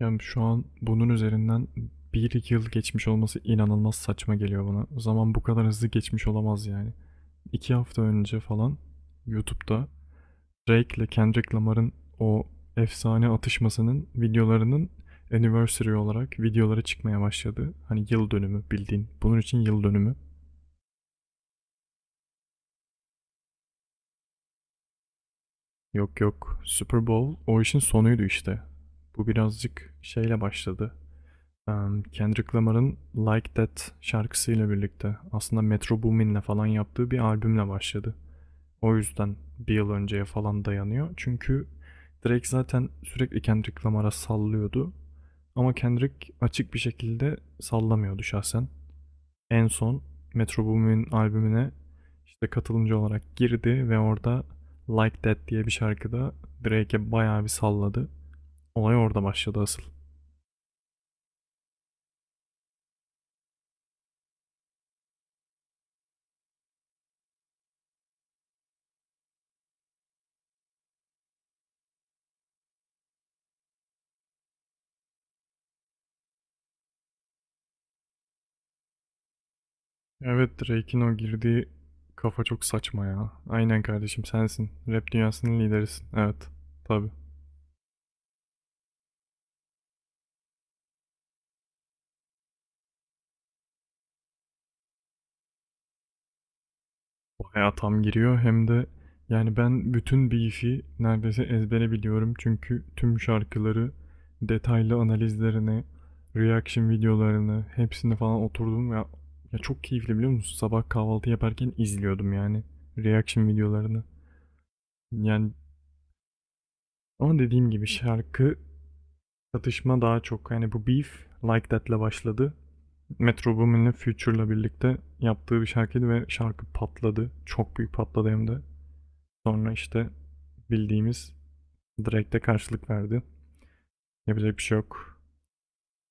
Yani şu an bunun üzerinden bir iki yıl geçmiş olması inanılmaz saçma geliyor bana. Zaman bu kadar hızlı geçmiş olamaz yani. 2 hafta önce falan YouTube'da Drake ile Kendrick Lamar'ın o efsane atışmasının videolarının anniversary olarak videoları çıkmaya başladı. Hani yıl dönümü bildiğin. Bunun için yıl dönümü. Yok yok, Super Bowl o işin sonuydu işte. Bu birazcık şeyle başladı. Kendrick Lamar'ın Like That şarkısıyla birlikte aslında Metro Boomin'le falan yaptığı bir albümle başladı. O yüzden bir yıl önceye falan dayanıyor. Çünkü Drake zaten sürekli Kendrick Lamar'a sallıyordu. Ama Kendrick açık bir şekilde sallamıyordu şahsen. En son Metro Boomin'in albümüne işte katılımcı olarak girdi ve orada Like That diye bir şarkıda Drake'e bayağı bir salladı. Olay orada başladı asıl. Evet, Drake'in o girdiği kafa çok saçma ya. Aynen, kardeşim sensin. Rap dünyasının liderisin. Evet. Tabii. Bayağı tam giriyor hem de, yani ben bütün Beef'i neredeyse ezbere biliyorum. Çünkü tüm şarkıları, detaylı analizlerini, reaction videolarını hepsini falan oturdum ya. Ya çok keyifli, biliyor musun? Sabah kahvaltı yaparken izliyordum yani reaction videolarını. Yani ama dediğim gibi şarkı, çatışma daha çok. Yani bu beef Like That'le başladı. Metro Boomin'le Future'la birlikte yaptığı bir şarkıydı ve şarkı patladı. Çok büyük patladı hem de. Sonra işte bildiğimiz Drake'de karşılık verdi. Yapacak bir şey yok.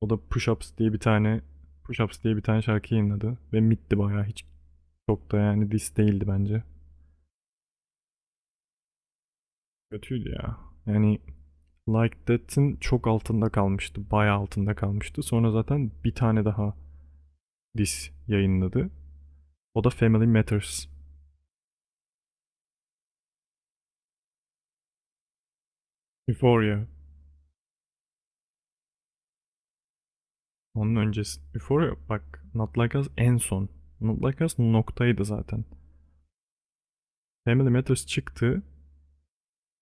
O da Push Ups diye bir tane şarkı yayınladı. Ve mitti bayağı. Hiç çok da yani diss değildi bence. Kötüydü ya. Yani Like That'in çok altında kalmıştı. Bayağı altında kalmıştı. Sonra zaten bir tane daha diss yayınladı. O da Family Matters. Euphoria. Onun öncesi. Euphoria, bak, Not Like Us en son. Not Like Us noktaydı zaten. Family Matters çıktı.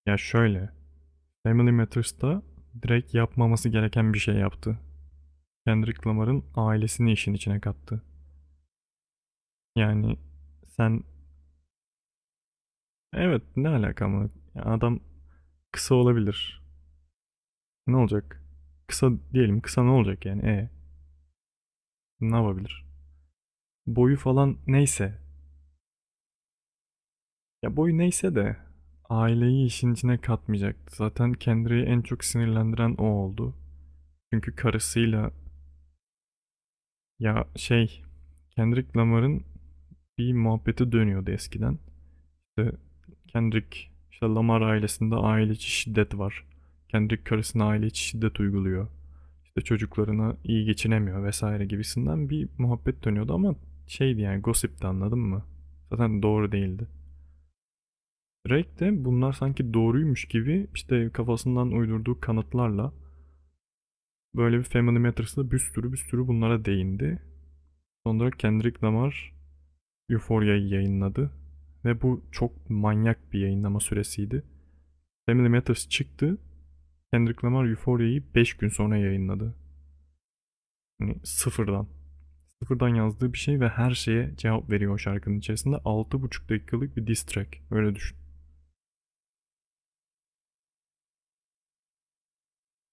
Ya şöyle. Family Matters'ta direkt yapmaması gereken bir şey yaptı. Kendrick Lamar'ın ailesini işin içine kattı. Yani sen, evet, ne alaka ama. Ya adam kısa olabilir. Ne olacak? Kısa diyelim, kısa ne olacak yani, ne yapabilir? Boyu falan neyse. Ya boyu neyse de aileyi işin içine katmayacaktı. Zaten Kendrick'i en çok sinirlendiren o oldu. Çünkü karısıyla, ya şey, Kendrick Lamar'ın bir muhabbeti dönüyordu eskiden. İşte Kendrick, işte Lamar ailesinde aile içi şiddet var. Kendrick karısına aile içi şiddet uyguluyor. İşte çocuklarına iyi geçinemiyor vesaire gibisinden bir muhabbet dönüyordu ama şeydi yani, gossipti, anladın mı? Zaten doğru değildi. Drake de bunlar sanki doğruymuş gibi işte kafasından uydurduğu kanıtlarla böyle bir Family Matters'da bir sürü bunlara değindi. Sonra Kendrick Lamar Euphoria'yı yayınladı ve bu çok manyak bir yayınlama süresiydi. Family Matters çıktı. Kendrick Lamar Euphoria'yı 5 gün sonra yayınladı. Yani sıfırdan. Sıfırdan yazdığı bir şey ve her şeye cevap veriyor o şarkının içerisinde. 6,5 dakikalık bir diss track. Öyle düşün.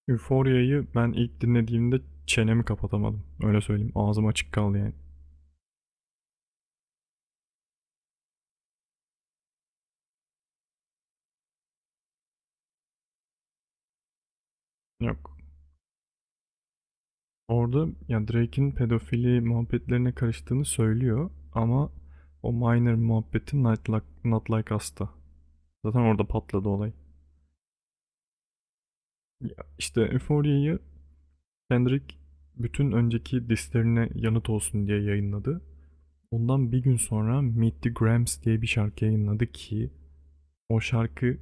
Euphoria'yı ben ilk dinlediğimde çenemi kapatamadım. Öyle söyleyeyim. Ağzım açık kaldı yani. Yok. Orada ya Drake'in pedofili muhabbetlerine karıştığını söylüyor ama o minor muhabbeti Not Like Us'ta. Zaten orada patladı olay. Ya işte Euphoria'yı Kendrick bütün önceki dislerine yanıt olsun diye yayınladı. Ondan 1 gün sonra Meet the Grams diye bir şarkı yayınladı ki o şarkı,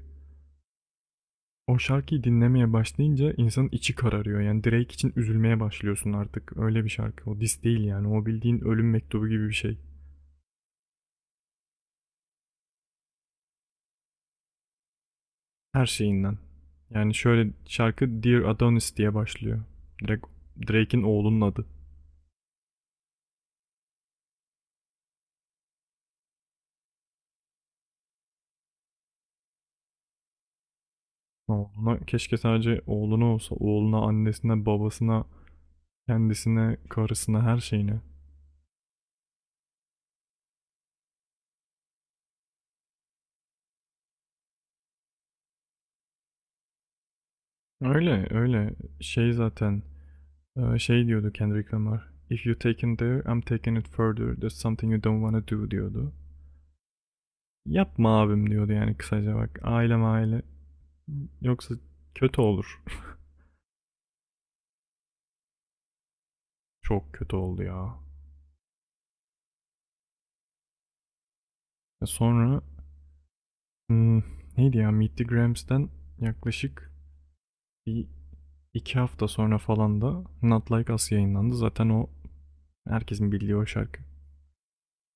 o şarkıyı dinlemeye başlayınca insanın içi kararıyor. Yani Drake için üzülmeye başlıyorsun artık. Öyle bir şarkı. O diss değil yani. O bildiğin ölüm mektubu gibi bir şey. Her şeyinden. Yani şöyle, şarkı Dear Adonis diye başlıyor. Direkt Drake'in oğlunun adı. Oğluna, keşke sadece oğluna olsa. Oğluna, annesine, babasına, kendisine, karısına, her şeyine. Öyle öyle. Şey zaten, şey diyordu Kendrick Lamar. If you taken there, I'm taking it further. There's something you don't wanna do, diyordu. Yapma abim, diyordu yani kısaca bak. Ailem aile. Yoksa kötü olur. Çok kötü oldu ya. E sonra, hmm, neydi ya, Meet the Grams'den yaklaşık bir iki hafta sonra falan da Not Like Us yayınlandı. Zaten o herkesin bildiği o şarkı.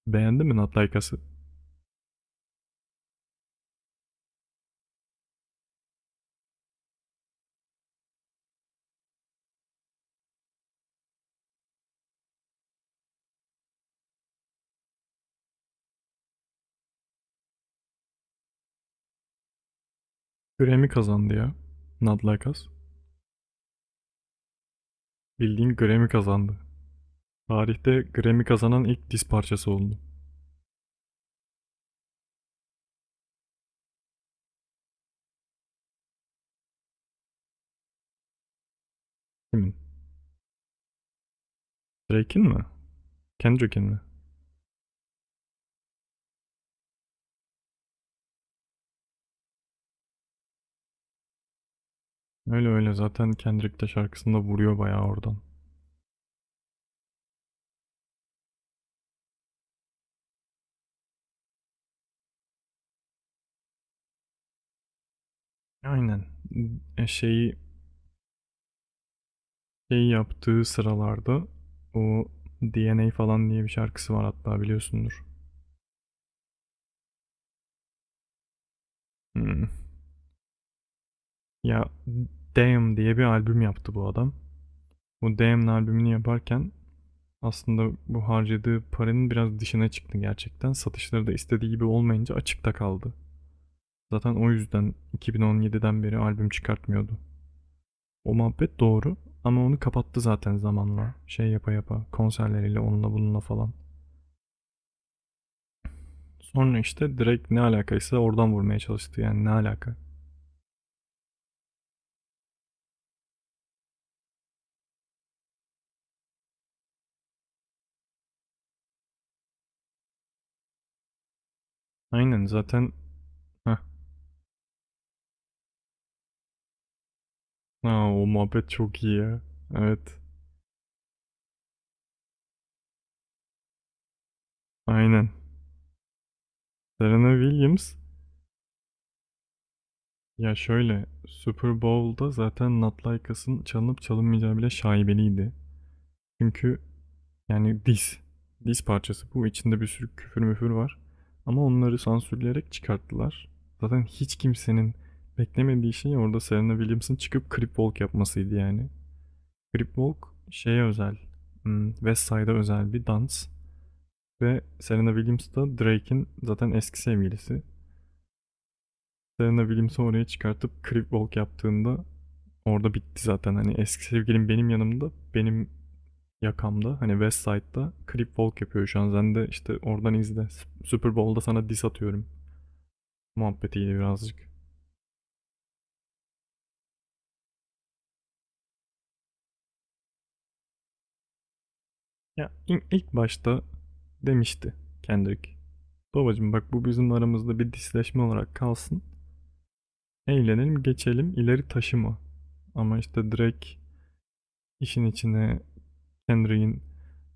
Beğendin mi Not Like Us'ı? Grammy kazandı ya. Not Like Us. Bildiğin Grammy kazandı. Tarihte Grammy kazanan ilk diz parçası oldu. Kimin? Drake'in mi? Kendrick'in mi? Öyle öyle, zaten Kendrick de şarkısında vuruyor bayağı oradan. Aynen. Şeyi şey yaptığı sıralarda o DNA falan diye bir şarkısı var, hatta biliyorsundur. Hmm. Ya Damn diye bir albüm yaptı bu adam. Bu Damn albümünü yaparken aslında bu harcadığı paranın biraz dışına çıktı gerçekten. Satışları da istediği gibi olmayınca açıkta kaldı. Zaten o yüzden 2017'den beri albüm çıkartmıyordu. O muhabbet doğru ama onu kapattı zaten zamanla. Şey yapa yapa, konserleriyle, onunla bununla falan. Sonra işte direkt ne alakaysa oradan vurmaya çalıştı yani, ne alaka. Aynen zaten. Heh. Aa, o muhabbet çok iyi ya. Evet, aynen. Serena Williams, ya şöyle, Super Bowl'da zaten Not Like Us'ın çalınıp çalınmayacağı bile şaibeliydi. Çünkü yani diz. Diz parçası bu. İçinde bir sürü küfür müfür var. Ama onları sansürleyerek çıkarttılar. Zaten hiç kimsenin beklemediği şey orada Serena Williams'ın çıkıp Cripwalk yapmasıydı yani. Cripwalk şeye özel. West Side'a özel bir dans. Ve Serena Williams da Drake'in zaten eski sevgilisi. Serena Williams'ı oraya çıkartıp Cripwalk yaptığında orada bitti zaten. Hani eski sevgilim benim yanımda, benim Yakam'da, hani West Side'da Crip Walk yapıyor şu an. Sen de işte oradan izle. Super Bowl'da sana diss atıyorum muhabbetiyle birazcık. Ya ilk başta demişti Kendrick. Babacım bak, bu bizim aramızda bir disleşme olarak kalsın. Eğlenelim geçelim, ileri taşıma. Ama işte Drake işin içine Kendrick'in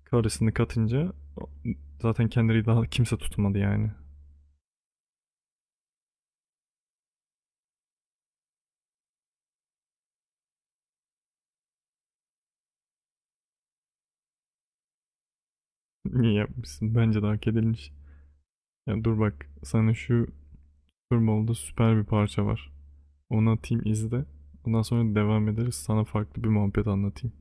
karısını katınca zaten Kendrick'i daha kimse tutmadı yani. Niye yapmışsın? Bence de hak edilmiş. Ya dur, bak sana şu Super Bowl'da süper bir parça var. Onu atayım, izle. Ondan sonra devam ederiz. Sana farklı bir muhabbet anlatayım.